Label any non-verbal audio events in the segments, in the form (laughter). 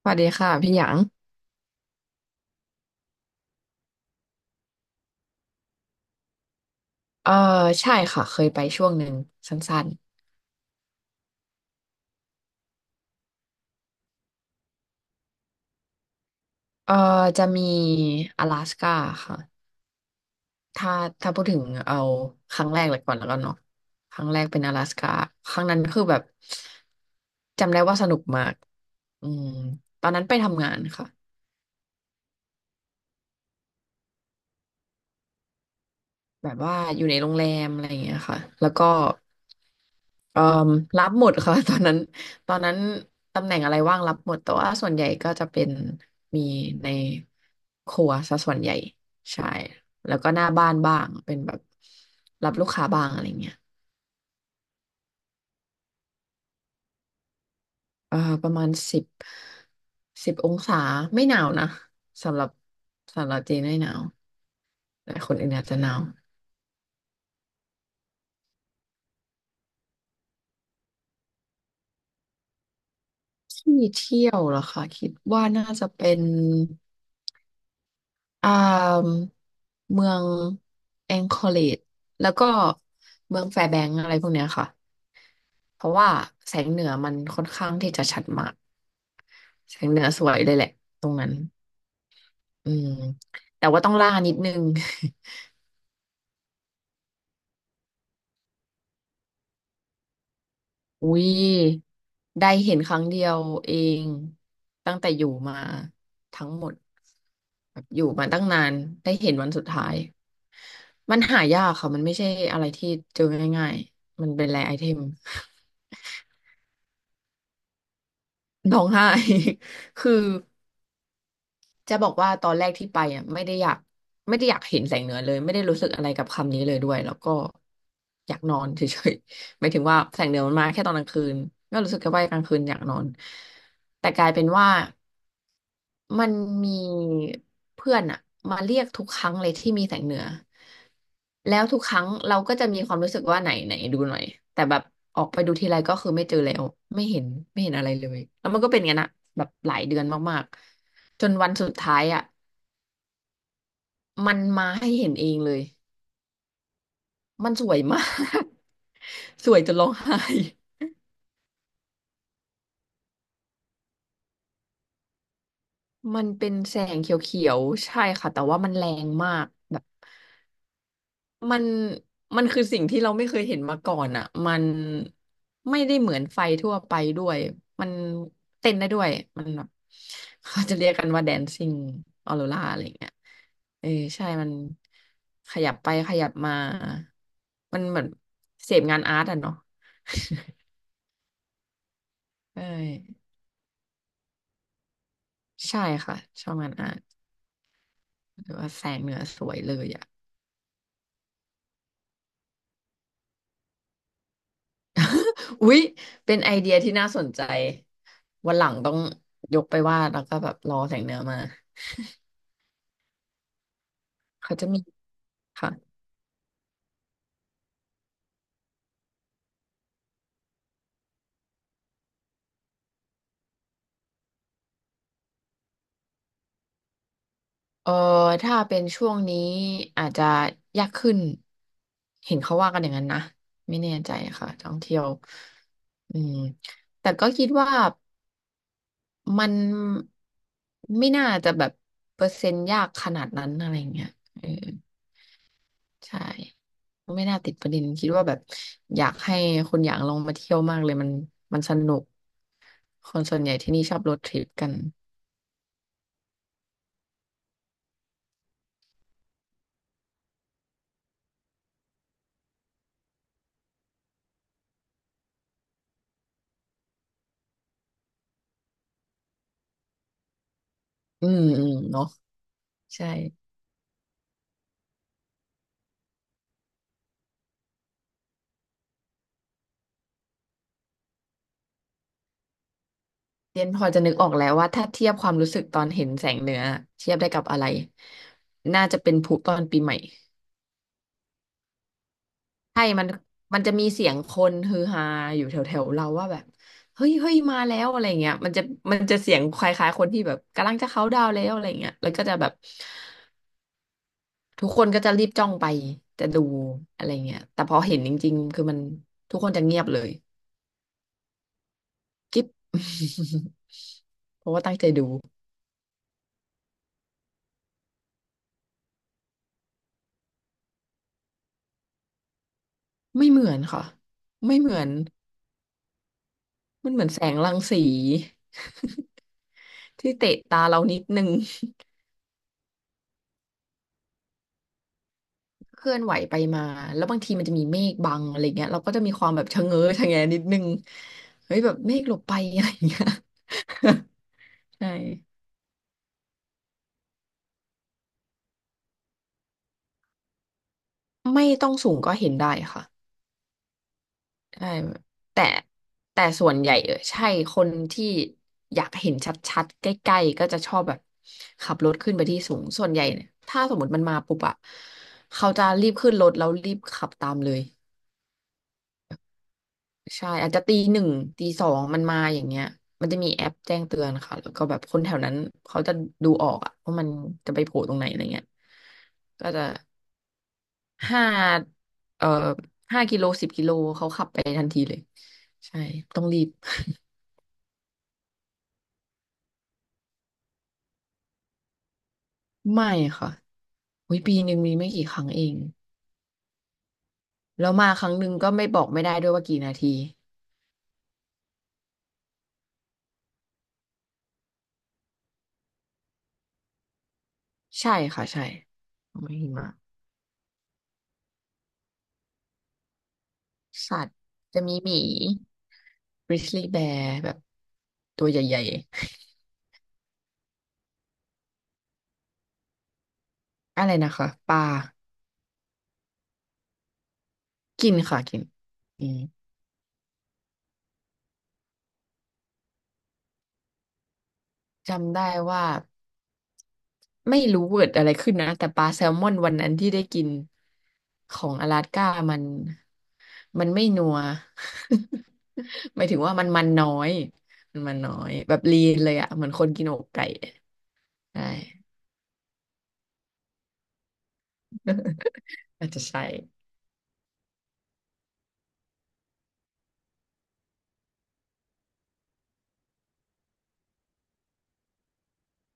สวัสดีค่ะพี่หยางเออใช่ค่ะเคยไปช่วงหนึ่งสั้นๆจะมี阿拉斯ก้าค่ะถ้าถ้าพูดถึงเอาครั้งแรกเลยก่อนแล้วกันเนาะครั้งแรกเป็น阿拉斯ก้าครั้งนั้นคือแบบจำได้ว่าสนุกมากอืมตอนนั้นไปทำงานค่ะ แบบว่าอยู่ในโรงแรมอะไรอย่างเงี้ยค่ะแล้วก็เอ่อรับหมดค่ะ (laughs) ตอนนั้นตำแหน่งอะไรว่างรับหมดแต่ว่าส่วนใหญ่ก็จะเป็นมีในครัวซะส่วนใหญ่ใช่แล้วก็หน้าบ้านบ้างเป็นแบบรับลูกค้าบ้างอะไรเงี้ยเอ่อประมาณ10 องศาไม่หนาวนะสำหรับสำหรับจีนไม่หนาวแต่คนอื่นอาจจะหนาวที่เที่ยวเหรอคะคิดว่าน่าจะเป็น อ่าเมืองแองคอเลจแล้วก็เมืองแฟร์แบงก์อะไรพวกเนี้ยค่ะเพราะว่าแสงเหนือมันค่อนข้างที่จะชัดมากแสงเหนือสวยเลยแหละตรงนั้นอืมแต่ว่าต้องล่านิดนึง (laughs) อุ้ยได้เห็นครั้งเดียวเองตั้งแต่อยู่มาทั้งหมดแบบอยู่มาตั้งนานได้เห็นวันสุดท้ายมันหายากค่ะมันไม่ใช่อะไรที่เจอง่ายๆมันเป็นแรร์ไอเทม ร้องไห้ (laughs) คือจะบอกว่าตอนแรกที่ไปอ่ะไม่ได้อยากเห็นแสงเหนือเลยไม่ได้รู้สึกอะไรกับคำนี้เลยด้วยแล้วก็อยากนอนเฉยๆ (laughs) หมายถึงว่าแสงเหนือมันมาแค่ตอนกลางคืนก็รู้สึกแค่ว่ากลางคืนอยากนอนแต่กลายเป็นว่า มันมีเพื่อนอะมาเรียกทุกครั้งเลยที่มีแสงเหนือแล้วทุกครั้งเราก็จะมีความรู้สึกว่าไหนไหนดูหน่อยแต่แบบออกไปดูทีไรก็คือไม่เจอแล้วไม่เห็นไม่เห็นอะไรเลยแล้วมันก็เป็นอย่างนั้นอะแบบหลายเดือนมากๆจนวันสุดท้ายอะมันมาให้เห็นเองเลยมันสวยมาก (laughs) สวยจนร้องไห้ มันเป็นแสงเขียวๆใช่ค่ะแต่ว่ามันแรงมากแบบ มันมันคือสิ่งที่เราไม่เคยเห็นมาก่อนอ่ะมันไม่ได้เหมือนไฟทั่วไปด้วยมันเต้นได้ด้วยมันแบบเขาจะเรียกกันว่าแดนซิ่งออโรราอะไรอย่างเงี้ยเออใช่มันขยับไปขยับมามันเหมือนเสพงานอาร์ตอะเนาะเออใช่ค่ะชอบงานอาร์ตหรือว่าแสงเหนือสวยเลยอ่ะอุ๊ยเป็นไอเดียที่น่าสนใจวันหลังต้องยกไปวาดแล้วก็แบบรอแสงเหนือมา เขาจะมีค่ะเออถ้าเป็นช่วงนี้อาจจะยากขึ้นเห็นเขาว่ากันอย่างนั้นนะไม่แน่ใจค่ะท่องเที่ยวอืมแต่ก็คิดว่ามันไม่น่าจะแบบเปอร์เซ็นต์ยากขนาดนั้นอะไรเงี้ยเออใช่ไม่น่าติดประเด็นคิดว่าแบบอยากให้คนอยากลองมาเที่ยวมากเลยมันสนุกคนส่วนใหญ่ที่นี่ชอบรถทริปกันอืมอืมเนาะใช่ เรียนพอจะนึกออกแล้วว่าถ้าเทียบความรู้สึกตอนเห็นแสงเหนือเทียบได้กับอะไรน่าจะเป็นพลุตอนปีใหม่ใช่มันจะมีเสียงคนฮือฮาอยู่แถวๆเราว่าแบบเฮ้ยเฮ้ยมาแล้วอะไรเงี้ยมันจะเสียงคล้ายๆคนที่แบบกำลังจะเขาน์ดาวน์แล้วอะไรเงี้ยแล้วก็จะแบบทุกคนก็จะรีบจ้องไปจะดูอะไรเงี้ยแต่พอเห็นจริงๆคือมันทุกคนจะเงียบเลยกิ๊บ (laughs) เพราะว่าตั้งใจดูไม่เหมือนค่ะไม่เหมือน มันเหมือนแสงรังสีที่เตะตาเรานิดนึง (laughs) เคลื่อนไหวไปมาแล้วบางทีมันจะมีเมฆบังอะไรเงี้ยเราก็จะมีความแบบชะเง้อชะแงนิดนึงเฮ้ยแบบเมฆหลบไปอะไรเงี้ย (laughs) ใช่ไม่ต้องสูงก็เห็นได้ค่ะใช่แต่แต่ส่วนใหญ่เออใช่คนที่อยากเห็นชัดๆใกล้ๆก็จะชอบแบบขับรถขึ้นไปที่สูงส่วนใหญ่เนี่ยถ้าสมมติมันมาปุ๊บอะเขาจะรีบขึ้นรถแล้วรีบขับตามเลย ใช่อาจจะตี 1ตี 2มันมาอย่างเงี้ยมันจะมีแอปแจ้งเตือนค่ะแล้วก็แบบคนแถวนั้นเขาจะดูออกอะว่ามันจะไปโผล่ตรงไหนอะไรเงี้ยก็จะห้าเอ่อ5 กิโล10 กิโลเขาขับไปทันทีเลยใช่ต้องรีบ (laughs) ไม่ค่ะอุ๊ยปีหนึ่งมีไม่กี่ครั้งเองแล้วมาครั้งหนึ่งก็ไม่บอกไม่ได้ด้วยว่ากี่นาทีใช่ค่ะใช่ไม่หิมะสัตว์จะมีหมี grizzly bear แบบตัวใหญ่ๆ อะไรนะคะปลากินค่ะกินอืมจำได้ว่าไม่รู้เกิดอะไรขึ้นนะแต่ปลาแซลมอนวันนั้นที่ได้กินของอลาสก้ามันไม่นัว (laughs) หมายถึงว่ามันน้อยมันน้อยแบบลีนเลยอะเหมือนคนกินอกไก่ใช่อาจจะใช่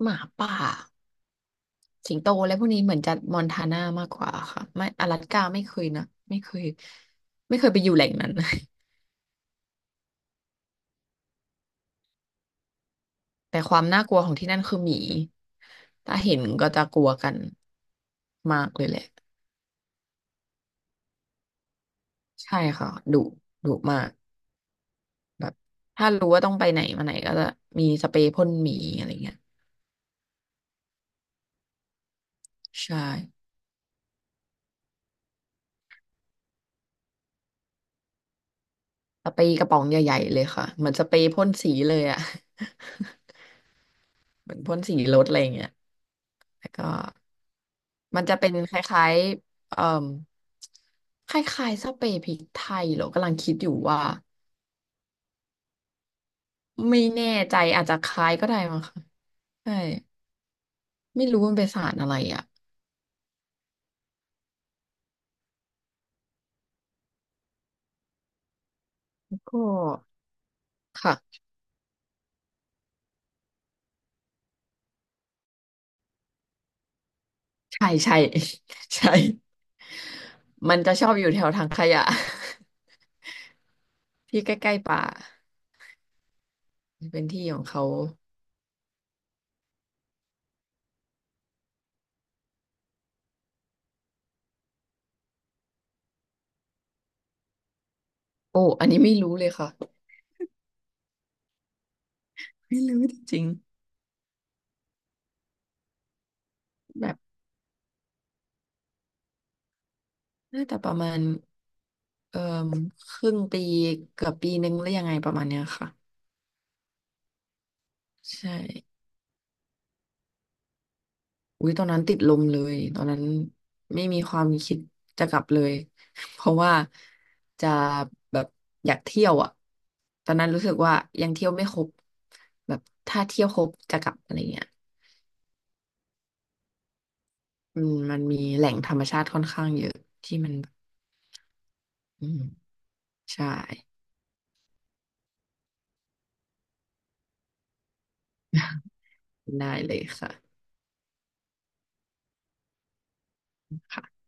หมาป่าสิงโตและพวกนี้เหมือนจะมอนทานามากกว่าค่ะไม่อลาสก้าไม่เคยนะไม่เคยไม่เคยไปอยู่แหล่งนั้น แต่ความน่ากลัวของที่นั่นคือหมีถ้าเห็นก็จะกลัวกันมากเลยแหละใช่ค่ะดุดุมากแบบถ้ารู้ว่าต้องไปไหนมาไหนก็จะมีสเปรย์พ่นหมีอะไรเงี้ยใช่สเปรย์กระป๋องใหญ่ๆเลยค่ะเหมือนสเปรย์พ่นสีเลยอะ (laughs) เหมือนพ่นสีรถอะไรเงี้ยแล้วก็มันจะเป็นคล้ายๆเอ่มคล้ายๆสเปรย์พริกไทยเหรอกำลังคิดอยู่ว่าไม่แน่ใจอาจจะคล้ายก็ได้มั้งค่ะใช่ ไม่รู้มันเป็นสารอะไรอ่ะก็ค่ะใช่ใช่ (laughs) ใช่มันจะชอบอยู่แถวถังขยะ (laughs) ที่ใกล้ๆป่าเป็นที่ของเขาโอ้อันนี้ไม่รู้เลยค่ะไม่รู้จริงๆแบบน่าจะประมาณเอ่อครึ่งปีเกือบปีนึงหรือยังไงประมาณเนี้ยค่ะใช่ อุ้ยตอนนั้นติดลมเลยตอนนั้นไม่มีความคิดจะกลับเลย (laughs) เพราะว่าจะแบบอยากเที่ยวอ่ะตอนนั้นรู้สึกว่ายังเที่ยวไม่ครบแบบถ้าเที่ยวครบจะกลับอะไรเงี้ยอืมมันมีแหล่งธรรมชาติค่อนข้างเยอะที่มันอืมใช่ (laughs) ได้เลยค่ะค่ะ